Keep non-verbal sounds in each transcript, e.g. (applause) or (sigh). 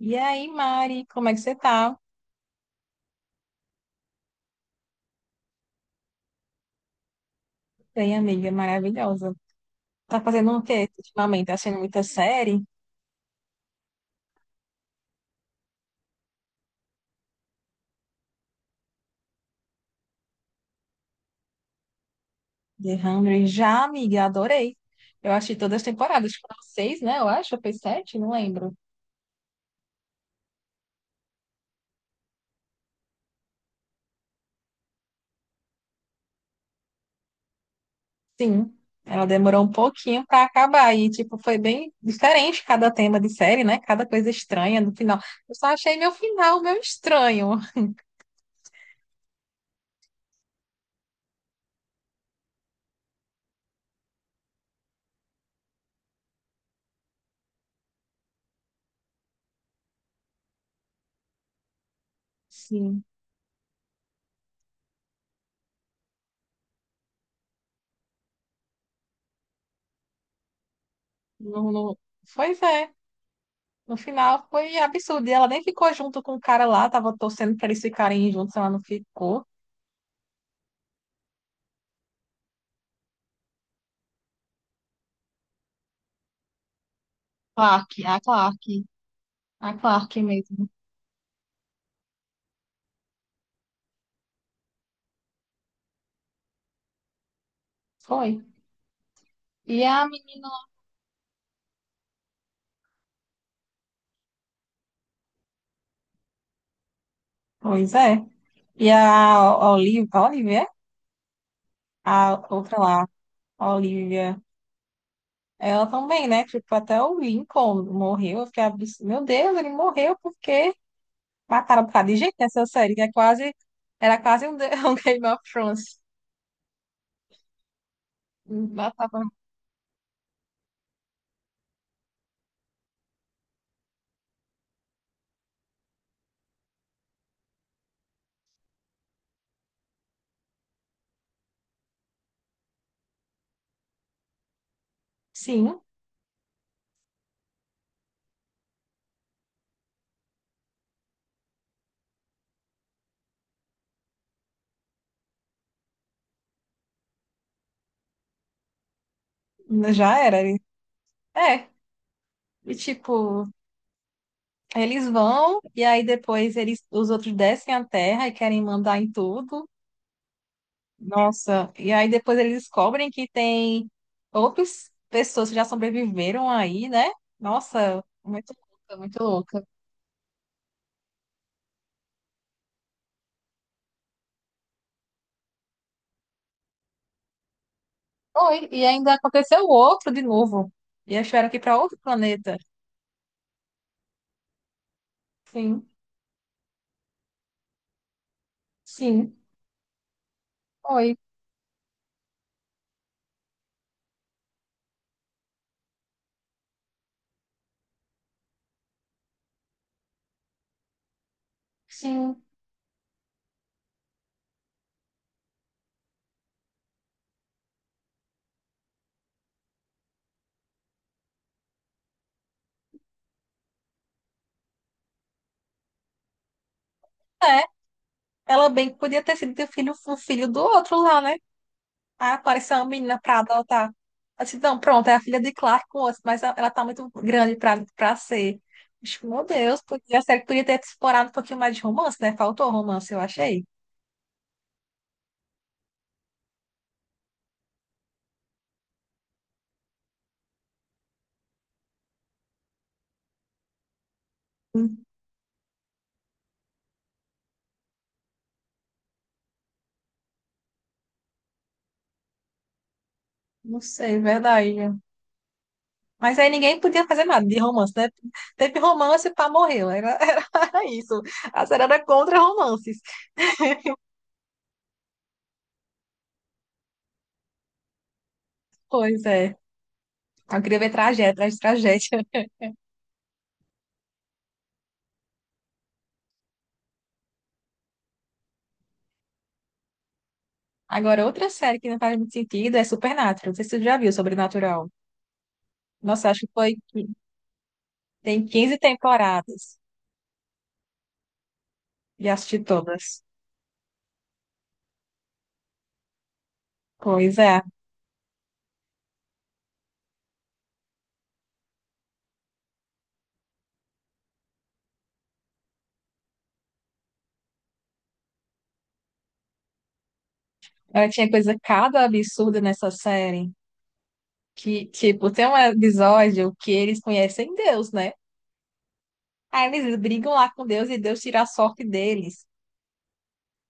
E aí, Mari, como é que você tá? Bem, amiga, maravilhosa. Tá fazendo o quê ultimamente? Tá assistindo muita série? The 100? Já, amiga, adorei. Eu achei todas as temporadas, foram seis, né? Eu acho, foi sete, não lembro. Sim, ela demorou um pouquinho pra acabar e, tipo, foi bem diferente cada tema de série, né? Cada coisa estranha no final. Eu só achei meu final meio estranho. Sim, não, não. Pois é. No final foi absurdo. E ela nem ficou junto com o cara lá, tava torcendo pra eles ficarem juntos, ela não ficou. Clark, a Clark, a Clark mesmo. Foi. E a menina. Pois é. E a Olivia, Olivia, a outra lá, a Olivia, ela também, né? Tipo, até o Lincoln morreu. Eu fiquei, meu Deus, ele morreu porque mataram um bocado de gente nessa série, que é quase. Era quase um (laughs) um Game of Thrones. Matava. Sim, já era. É. E tipo. Eles vão e aí depois os outros descem a terra e querem mandar em tudo. Nossa, e aí depois eles descobrem que tem outras pessoas que já sobreviveram aí, né? Nossa, muito louca, muito louca. Foi, e ainda aconteceu outro de novo. E eles tiveram que ir para outro planeta. Sim, sim, foi. Sim. É, ela bem que podia ter sido o filho do outro lá, né? Aí apareceu uma menina pra adotar. Eu disse, não, pronto, é a filha de Clark com osso, mas ela tá muito grande pra ser. Acho que, meu Deus, porque a série podia ter explorado um pouquinho mais de romance, né? Faltou romance, eu achei. Hum, Não sei, é verdade. Mas aí ninguém podia fazer nada de romance, né? Teve romance, para morreu. Era (laughs) isso. A série era contra romances. Pois é. Eu queria ver tragédia, atrás de tragédia. Agora, outra série que não faz muito sentido é Supernatural. Não sei se você já viu, Sobrenatural. Nossa, acho que foi. Tem 15 temporadas e assisti todas. Pois é. Ela tinha coisa cada absurda nessa série. Que, tipo, tem um episódio que eles conhecem Deus, né? Aí eles brigam lá com Deus e Deus tira a sorte deles.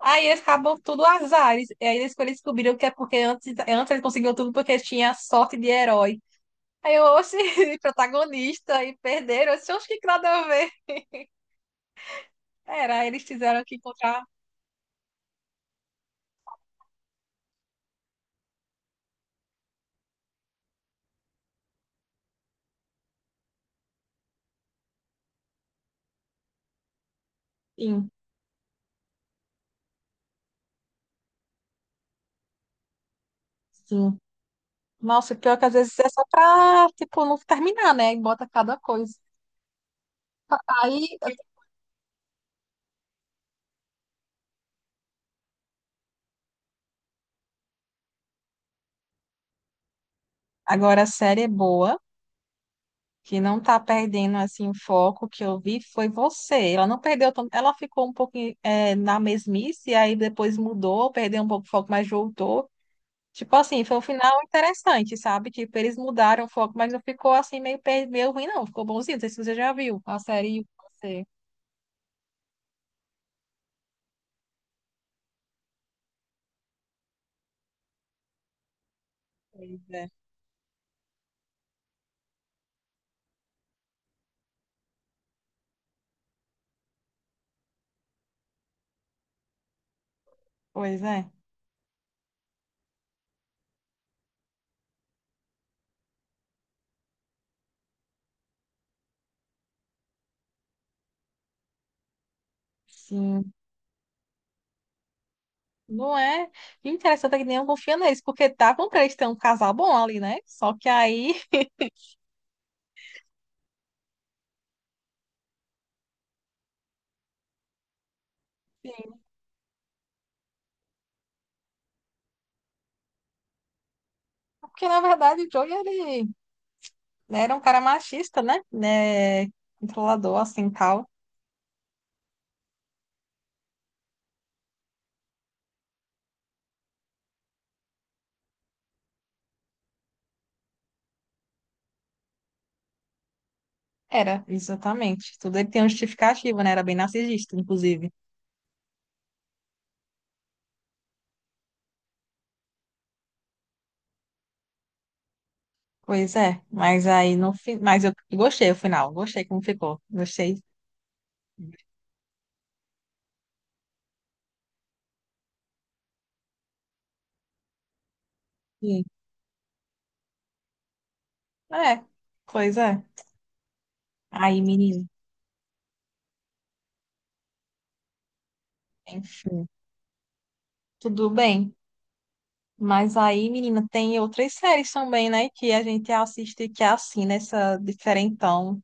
Aí eles acabam tudo azares. E aí eles quando descobriram que é porque antes eles conseguiam tudo porque eles tinham a sorte de herói. Aí eu, oxe, (laughs) protagonista, e perderam. Eu disse, oxe, que nada a ver. Era, eles tiveram que encontrar. Sim, sim. Nossa, pior que às vezes é só pra, tipo, não terminar, né? E bota cada coisa. Aí, agora a série é boa, que não tá perdendo, assim, o foco que eu vi foi você. Ela não perdeu tanto, ela ficou um pouco na mesmice, aí depois mudou, perdeu um pouco o foco, mas voltou. Tipo assim, foi um final interessante, sabe? Tipo, eles mudaram o foco, mas não ficou assim meio ruim, não. Ficou bonzinho. Não sei se você já viu a série Você. Pois é. Pois é. Sim. Não é? E interessante é que nenhum confia neles, porque estavam pra eles terem um casal bom ali, né? Só que aí. Sim. Porque na verdade o Joey, ele era um cara machista, né? Né? Controlador, assim, tal. Era, exatamente. Tudo ele tem um justificativo, né? Era bem narcisista, inclusive. Pois é, mas aí no fim. Mas eu gostei o final, gostei como ficou. Gostei. Sim. É, pois é. Aí, menino, enfim, tudo bem. Mas aí, menina, tem outras séries também, né? Que a gente assiste que é assim, nessa diferentão.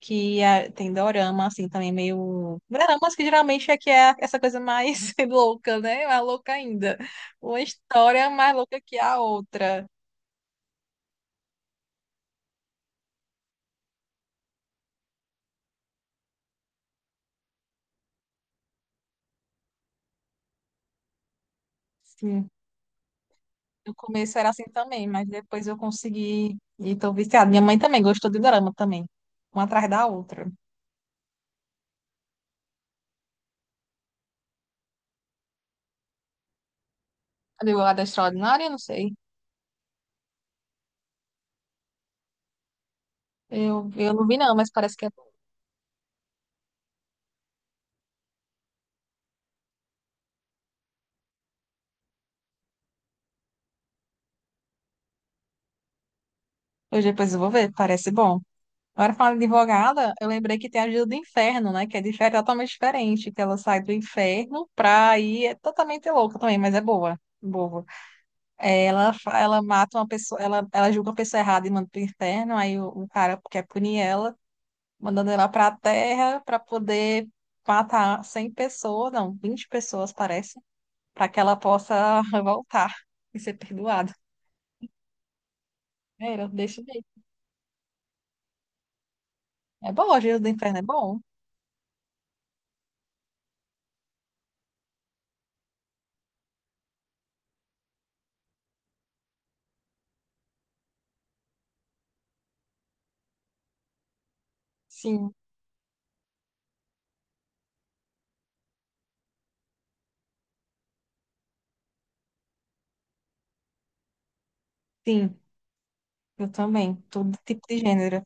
Tem dorama, assim, também meio. Doramas que geralmente é que é essa coisa mais (laughs) louca, né? Mais louca ainda. Uma história mais louca que a outra. Sim. No começo era assim também, mas depois eu consegui. E tô viciada. Minha mãe também gostou de dorama também. Uma atrás da outra. A Advogada Extraordinária, não sei. Eu não vi não, mas parece que é bom. Hoje depois eu vou ver, parece bom. Agora falando de advogada, eu lembrei que tem a Ajuda do Inferno, né? Que é diferente, totalmente diferente, que ela sai do inferno pra ir, é totalmente louca também, mas é boa, boa. É, ela mata uma pessoa, ela julga uma pessoa errada e manda pro inferno, aí o cara quer punir ela, mandando ela pra terra pra poder matar 100 pessoas, não, 20 pessoas parece, pra que ela possa (laughs) voltar e ser perdoada. Era, deixa eu ver. É bom, a Ajuda do Inferno é bom. Sim, sim, eu também, todo tipo de gênero.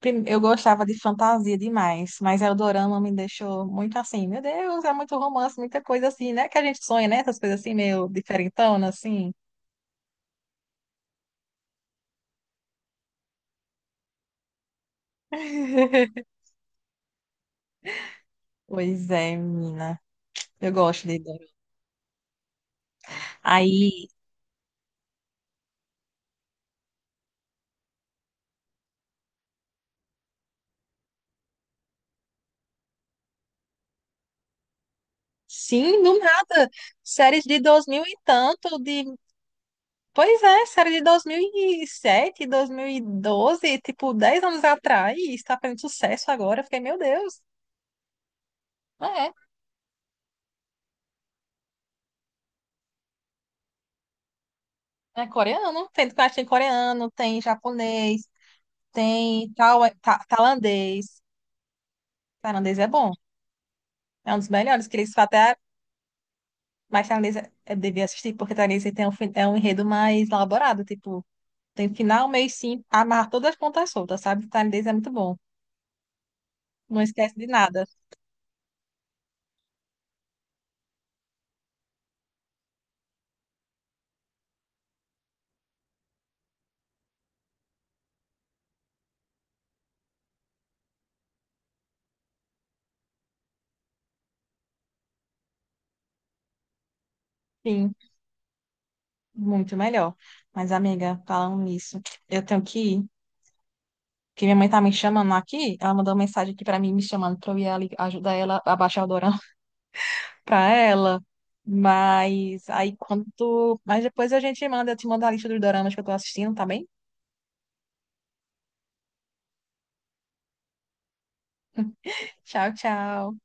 Eu gostava de fantasia demais, mas Eldorama me deixou muito assim, meu Deus, é muito romance, muita coisa assim, né? Que a gente sonha, né? Essas coisas assim, meio diferentona, assim. (laughs) Pois é, menina. Eu gosto de dorama. Aí, sim, do nada. Séries de 2000 e tanto. Pois é, série de dois mil e sete, 2012, tipo, 10 anos atrás, está fazendo sucesso agora. Eu fiquei, meu Deus. É, é coreano. Tem coreano, tem japonês. Tem tailandês. Tailandês é bom. É um dos melhores que eles até. Mas tailandês eu devia assistir, porque tailandês é um enredo mais elaborado. Tipo, tem final, meio sim fim, amarra todas as pontas soltas, sabe? Tailandês é muito bom. Não esquece de nada. Sim, muito melhor. Mas, amiga, falando nisso, eu tenho que ir. Porque minha mãe tá me chamando aqui. Ela mandou uma mensagem aqui pra mim, me chamando pra eu ir ali ajudar ela a baixar o para ela. Mas depois a gente manda, eu te mando a lista dos doramas que eu tô assistindo, tá bem? (laughs) Tchau, tchau.